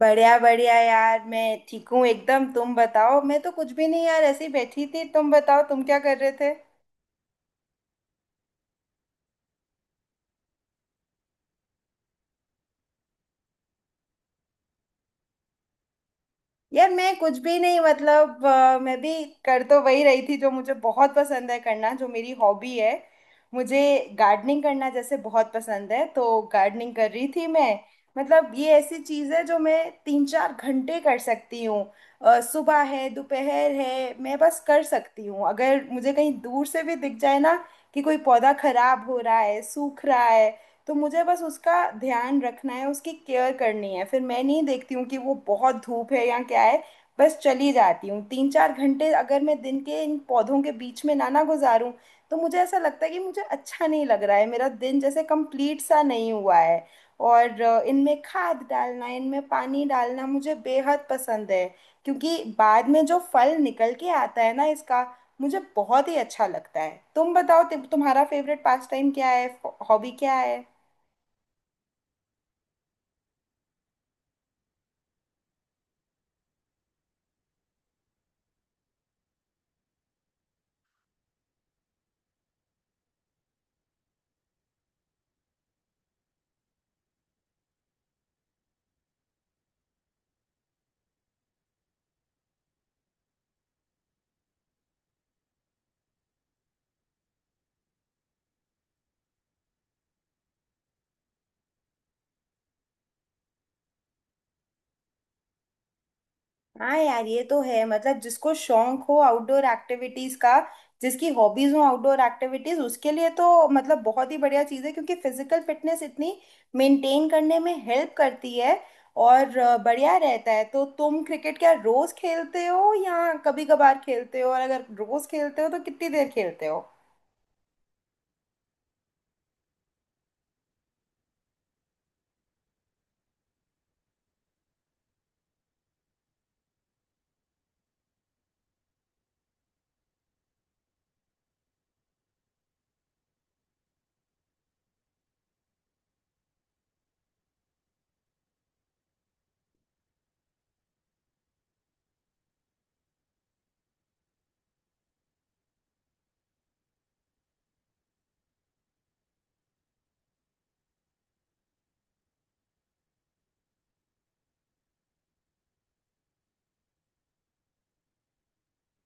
बढ़िया बढ़िया यार मैं ठीक हूँ एकदम। तुम बताओ। मैं तो कुछ भी नहीं यार, ऐसे ही बैठी थी। तुम बताओ तुम क्या कर रहे थे। यार मैं कुछ भी नहीं, मतलब मैं भी कर तो वही रही थी जो मुझे बहुत पसंद है करना, जो मेरी हॉबी है। मुझे गार्डनिंग करना जैसे बहुत पसंद है, तो गार्डनिंग कर रही थी मैं। मतलब ये ऐसी चीज़ है जो मैं तीन चार घंटे कर सकती हूँ। सुबह है दोपहर है, मैं बस कर सकती हूँ। अगर मुझे कहीं दूर से भी दिख जाए ना कि कोई पौधा खराब हो रहा है, सूख रहा है, तो मुझे बस उसका ध्यान रखना है, उसकी केयर करनी है। फिर मैं नहीं देखती हूँ कि वो बहुत धूप है या क्या है, बस चली जाती हूँ। तीन चार घंटे अगर मैं दिन के इन पौधों के बीच में ना ना गुजारूं, तो मुझे ऐसा लगता है कि मुझे अच्छा नहीं लग रहा है, मेरा दिन जैसे कंप्लीट सा नहीं हुआ है। और इनमें खाद डालना, इनमें पानी डालना मुझे बेहद पसंद है, क्योंकि बाद में जो फल निकल के आता है ना इसका, मुझे बहुत ही अच्छा लगता है। तुम बताओ तुम्हारा फेवरेट पास टाइम क्या है, हॉबी क्या है। हाँ यार ये तो है। मतलब जिसको शौक हो आउटडोर एक्टिविटीज का, जिसकी हॉबीज हो आउटडोर एक्टिविटीज, उसके लिए तो मतलब बहुत ही बढ़िया चीज है, क्योंकि फिजिकल फिटनेस इतनी मेंटेन करने में हेल्प करती है और बढ़िया रहता है। तो तुम क्रिकेट क्या रोज खेलते हो या कभी कभार खेलते हो? और अगर रोज खेलते हो तो कितनी देर खेलते हो?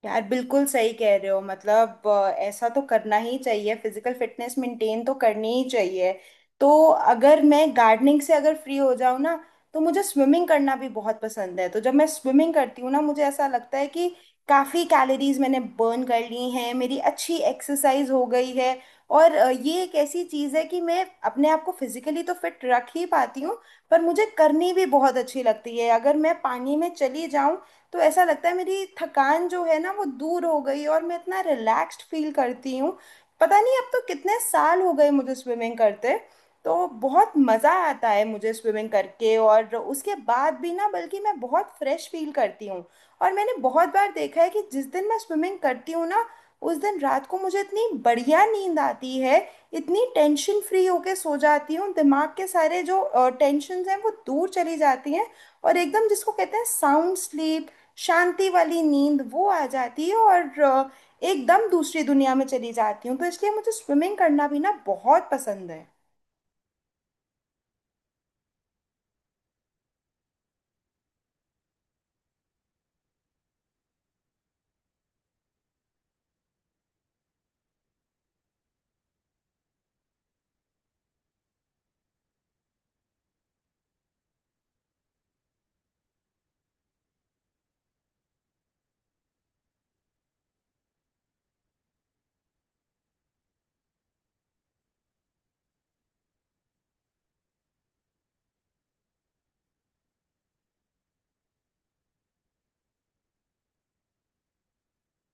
यार बिल्कुल सही कह रहे हो। मतलब ऐसा तो करना ही चाहिए, फिजिकल फिटनेस मेंटेन तो करनी ही चाहिए। तो अगर मैं गार्डनिंग से अगर फ्री हो जाऊँ ना, तो मुझे स्विमिंग करना भी बहुत पसंद है। तो जब मैं स्विमिंग करती हूँ ना, मुझे ऐसा लगता है कि काफ़ी कैलोरीज मैंने बर्न कर ली हैं, मेरी अच्छी एक्सरसाइज हो गई है। और ये एक ऐसी चीज़ है कि मैं अपने आप को फिजिकली तो फिट रख ही पाती हूँ, पर मुझे करनी भी बहुत अच्छी लगती है। अगर मैं पानी में चली जाऊँ तो ऐसा लगता है मेरी थकान जो है ना वो दूर हो गई, और मैं इतना रिलैक्स्ड फील करती हूँ। पता नहीं अब तो कितने साल हो गए मुझे स्विमिंग करते। तो बहुत मज़ा आता है मुझे स्विमिंग करके, और उसके बाद भी ना बल्कि मैं बहुत फ्रेश फील करती हूँ। और मैंने बहुत बार देखा है कि जिस दिन मैं स्विमिंग करती हूँ ना, उस दिन रात को मुझे इतनी बढ़िया नींद आती है, इतनी टेंशन फ्री होके सो जाती हूँ, दिमाग के सारे जो टेंशन हैं वो दूर चली जाती हैं। और एकदम जिसको कहते हैं साउंड स्लीप, शांति वाली नींद वो आ जाती है, और एकदम दूसरी दुनिया में चली जाती हूँ। तो इसलिए मुझे स्विमिंग करना भी ना बहुत पसंद है।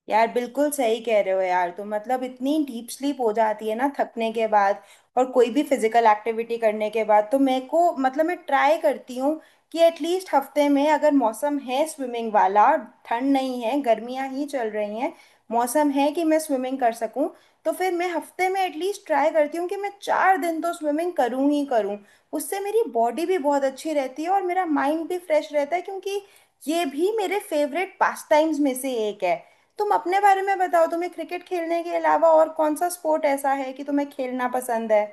यार बिल्कुल सही कह रहे हो यार तुम। मतलब इतनी डीप स्लीप हो जाती है ना थकने के बाद और कोई भी फिजिकल एक्टिविटी करने के बाद। तो मेरे को, मतलब मैं ट्राई करती हूँ कि एटलीस्ट हफ्ते में, अगर मौसम है स्विमिंग वाला, ठंड नहीं है, गर्मियाँ ही चल रही हैं, मौसम है कि मैं स्विमिंग कर सकूँ, तो फिर मैं हफ्ते में एटलीस्ट ट्राई करती हूँ कि मैं 4 दिन तो स्विमिंग करूँ ही करूँ। उससे मेरी बॉडी भी बहुत अच्छी रहती है और मेरा माइंड भी फ्रेश रहता है, क्योंकि ये भी मेरे फेवरेट पास टाइम्स में से एक है। तुम अपने बारे में बताओ, तुम्हें क्रिकेट खेलने के अलावा और कौन सा स्पोर्ट ऐसा है कि तुम्हें खेलना पसंद है?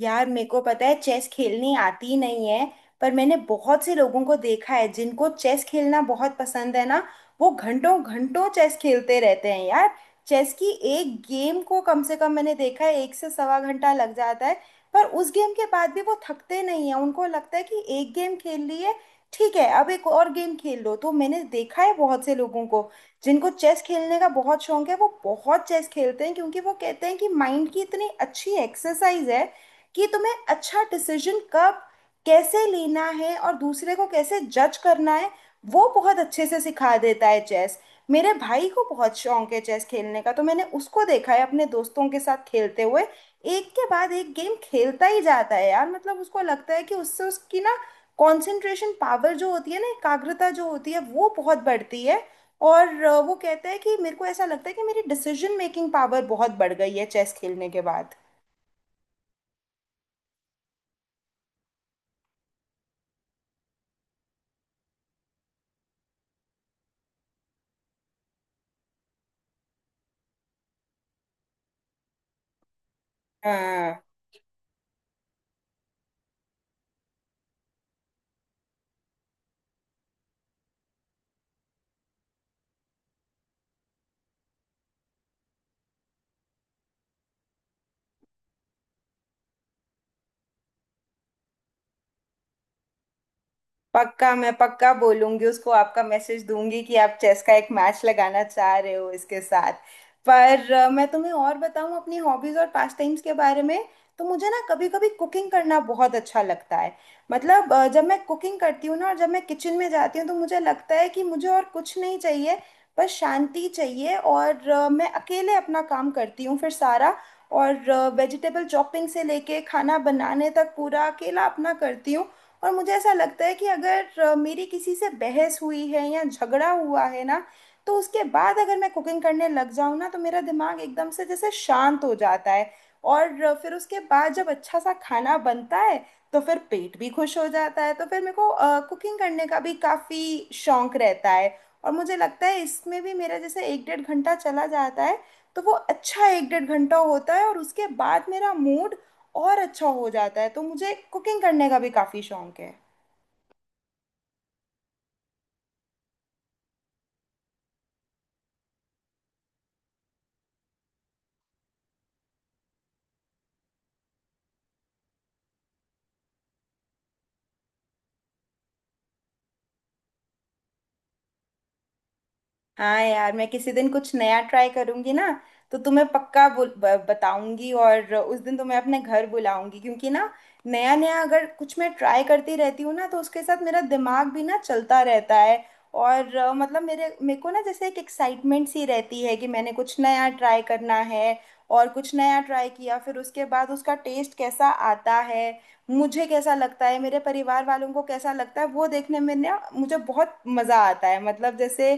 यार मेरे को पता है चेस खेलनी आती नहीं है, पर मैंने बहुत से लोगों को देखा है जिनको चेस खेलना बहुत पसंद है ना, वो घंटों घंटों चेस खेलते रहते हैं यार। चेस की एक गेम को कम से कम मैंने देखा है, एक से सवा घंटा लग जाता है। पर उस गेम के बाद भी वो थकते नहीं है, उनको लगता है कि एक गेम खेल ली है, ठीक है अब एक और गेम खेल लो। तो मैंने देखा है बहुत से लोगों को, जिनको चेस खेलने का बहुत शौक है, वो बहुत चेस खेलते हैं, क्योंकि वो कहते हैं कि माइंड की इतनी अच्छी एक्सरसाइज है कि तुम्हें अच्छा डिसीजन कब कैसे लेना है और दूसरे को कैसे जज करना है, वो बहुत अच्छे से सिखा देता है चेस। मेरे भाई को बहुत शौक है चेस खेलने का, तो मैंने उसको देखा है अपने दोस्तों के साथ खेलते हुए, एक के बाद एक गेम खेलता ही जाता है यार। मतलब उसको लगता है कि उससे उसकी ना कंसंट्रेशन पावर जो होती है ना, एकाग्रता जो होती है वो बहुत बढ़ती है। और वो कहता है कि मेरे को ऐसा लगता है कि मेरी डिसीजन मेकिंग पावर बहुत बढ़ गई है चेस खेलने के बाद। हाँ। पक्का मैं, पक्का बोलूंगी उसको, आपका मैसेज दूंगी कि आप चेस का एक मैच लगाना चाह रहे हो इसके साथ। पर मैं तुम्हें और बताऊं अपनी हॉबीज और पास्ट टाइम्स के बारे में। तो मुझे ना कभी कभी कुकिंग करना बहुत अच्छा लगता है। मतलब जब मैं कुकिंग करती हूँ ना और जब मैं किचन में जाती हूँ, तो मुझे लगता है कि मुझे और कुछ नहीं चाहिए, बस शांति चाहिए। और मैं अकेले अपना काम करती हूँ फिर सारा, और वेजिटेबल चॉपिंग से लेके खाना बनाने तक पूरा अकेला अपना करती हूँ। और मुझे ऐसा लगता है कि अगर मेरी किसी से बहस हुई है या झगड़ा हुआ है ना, तो उसके बाद अगर मैं कुकिंग करने लग जाऊँ ना, तो मेरा दिमाग एकदम से जैसे शांत हो जाता है। और फिर उसके बाद जब अच्छा सा खाना बनता है, तो फिर पेट भी खुश हो जाता है। तो फिर मेरे को कुकिंग करने का भी काफ़ी शौक रहता है। और मुझे लगता है इसमें भी मेरा जैसे एक डेढ़ घंटा चला जाता है, तो वो अच्छा एक डेढ़ घंटा होता है, और उसके बाद मेरा मूड और अच्छा हो जाता है। तो मुझे कुकिंग करने का भी काफ़ी शौक है। हाँ यार मैं किसी दिन कुछ नया ट्राई करूंगी ना, तो तुम्हें पक्का बताऊंगी, और उस दिन तुम्हें अपने घर बुलाऊंगी, क्योंकि ना, नया नया अगर कुछ मैं ट्राई करती रहती हूँ ना, तो उसके साथ मेरा दिमाग भी ना चलता रहता है। और मतलब मेरे मेरे को ना जैसे एक एक्साइटमेंट सी रहती है, कि मैंने कुछ नया ट्राई करना है। और कुछ नया ट्राई किया, फिर उसके बाद उसका टेस्ट कैसा आता है, मुझे कैसा लगता है, मेरे परिवार वालों को कैसा लगता है, वो देखने में ना मुझे बहुत मज़ा आता है। मतलब जैसे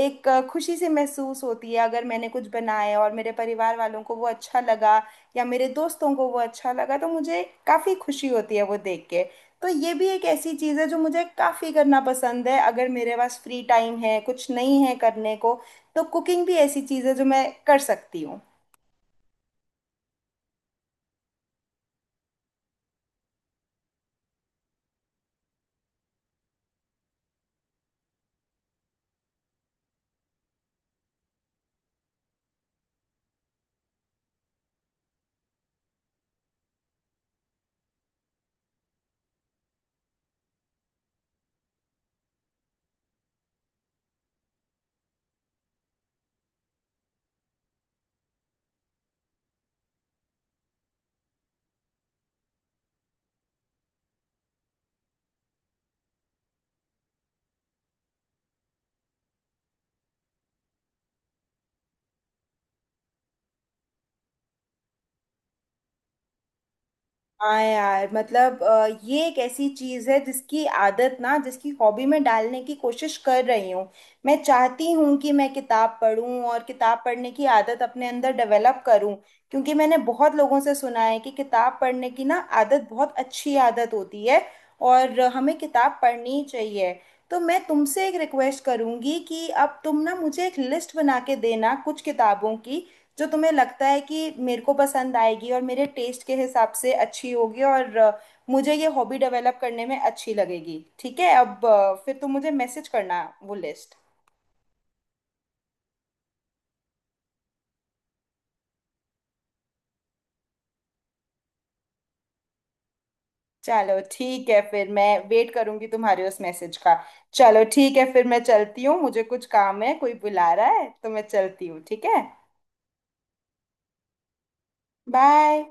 एक खुशी सी महसूस होती है, अगर मैंने कुछ बनाया और मेरे परिवार वालों को वो अच्छा लगा या मेरे दोस्तों को वो अच्छा लगा, तो मुझे काफ़ी खुशी होती है वो देख के। तो ये भी एक ऐसी चीज़ है जो मुझे काफ़ी करना पसंद है। अगर मेरे पास फ्री टाइम है, कुछ नहीं है करने को, तो कुकिंग भी ऐसी चीज़ है जो मैं कर सकती हूँ। हाँ यार। मतलब ये एक ऐसी चीज है जिसकी आदत ना, जिसकी हॉबी में डालने की कोशिश कर रही हूँ। मैं चाहती हूँ कि मैं किताब पढूं और किताब पढ़ने की आदत अपने अंदर डेवलप करूँ, क्योंकि मैंने बहुत लोगों से सुना है कि किताब पढ़ने की ना आदत बहुत अच्छी आदत होती है, और हमें किताब पढ़नी ही चाहिए। तो मैं तुमसे एक रिक्वेस्ट करूंगी कि अब तुम ना मुझे एक लिस्ट बना के देना कुछ किताबों की, जो तुम्हें लगता है कि मेरे को पसंद आएगी और मेरे टेस्ट के हिसाब से अच्छी होगी, और मुझे ये हॉबी डेवलप करने में अच्छी लगेगी। ठीक है। अब फिर तुम मुझे मैसेज करना वो लिस्ट। चलो ठीक है, फिर मैं वेट करूंगी तुम्हारे उस मैसेज का। चलो ठीक है, फिर मैं चलती हूँ, मुझे कुछ काम है, कोई बुला रहा है, तो मैं चलती हूँ। ठीक है। बाय।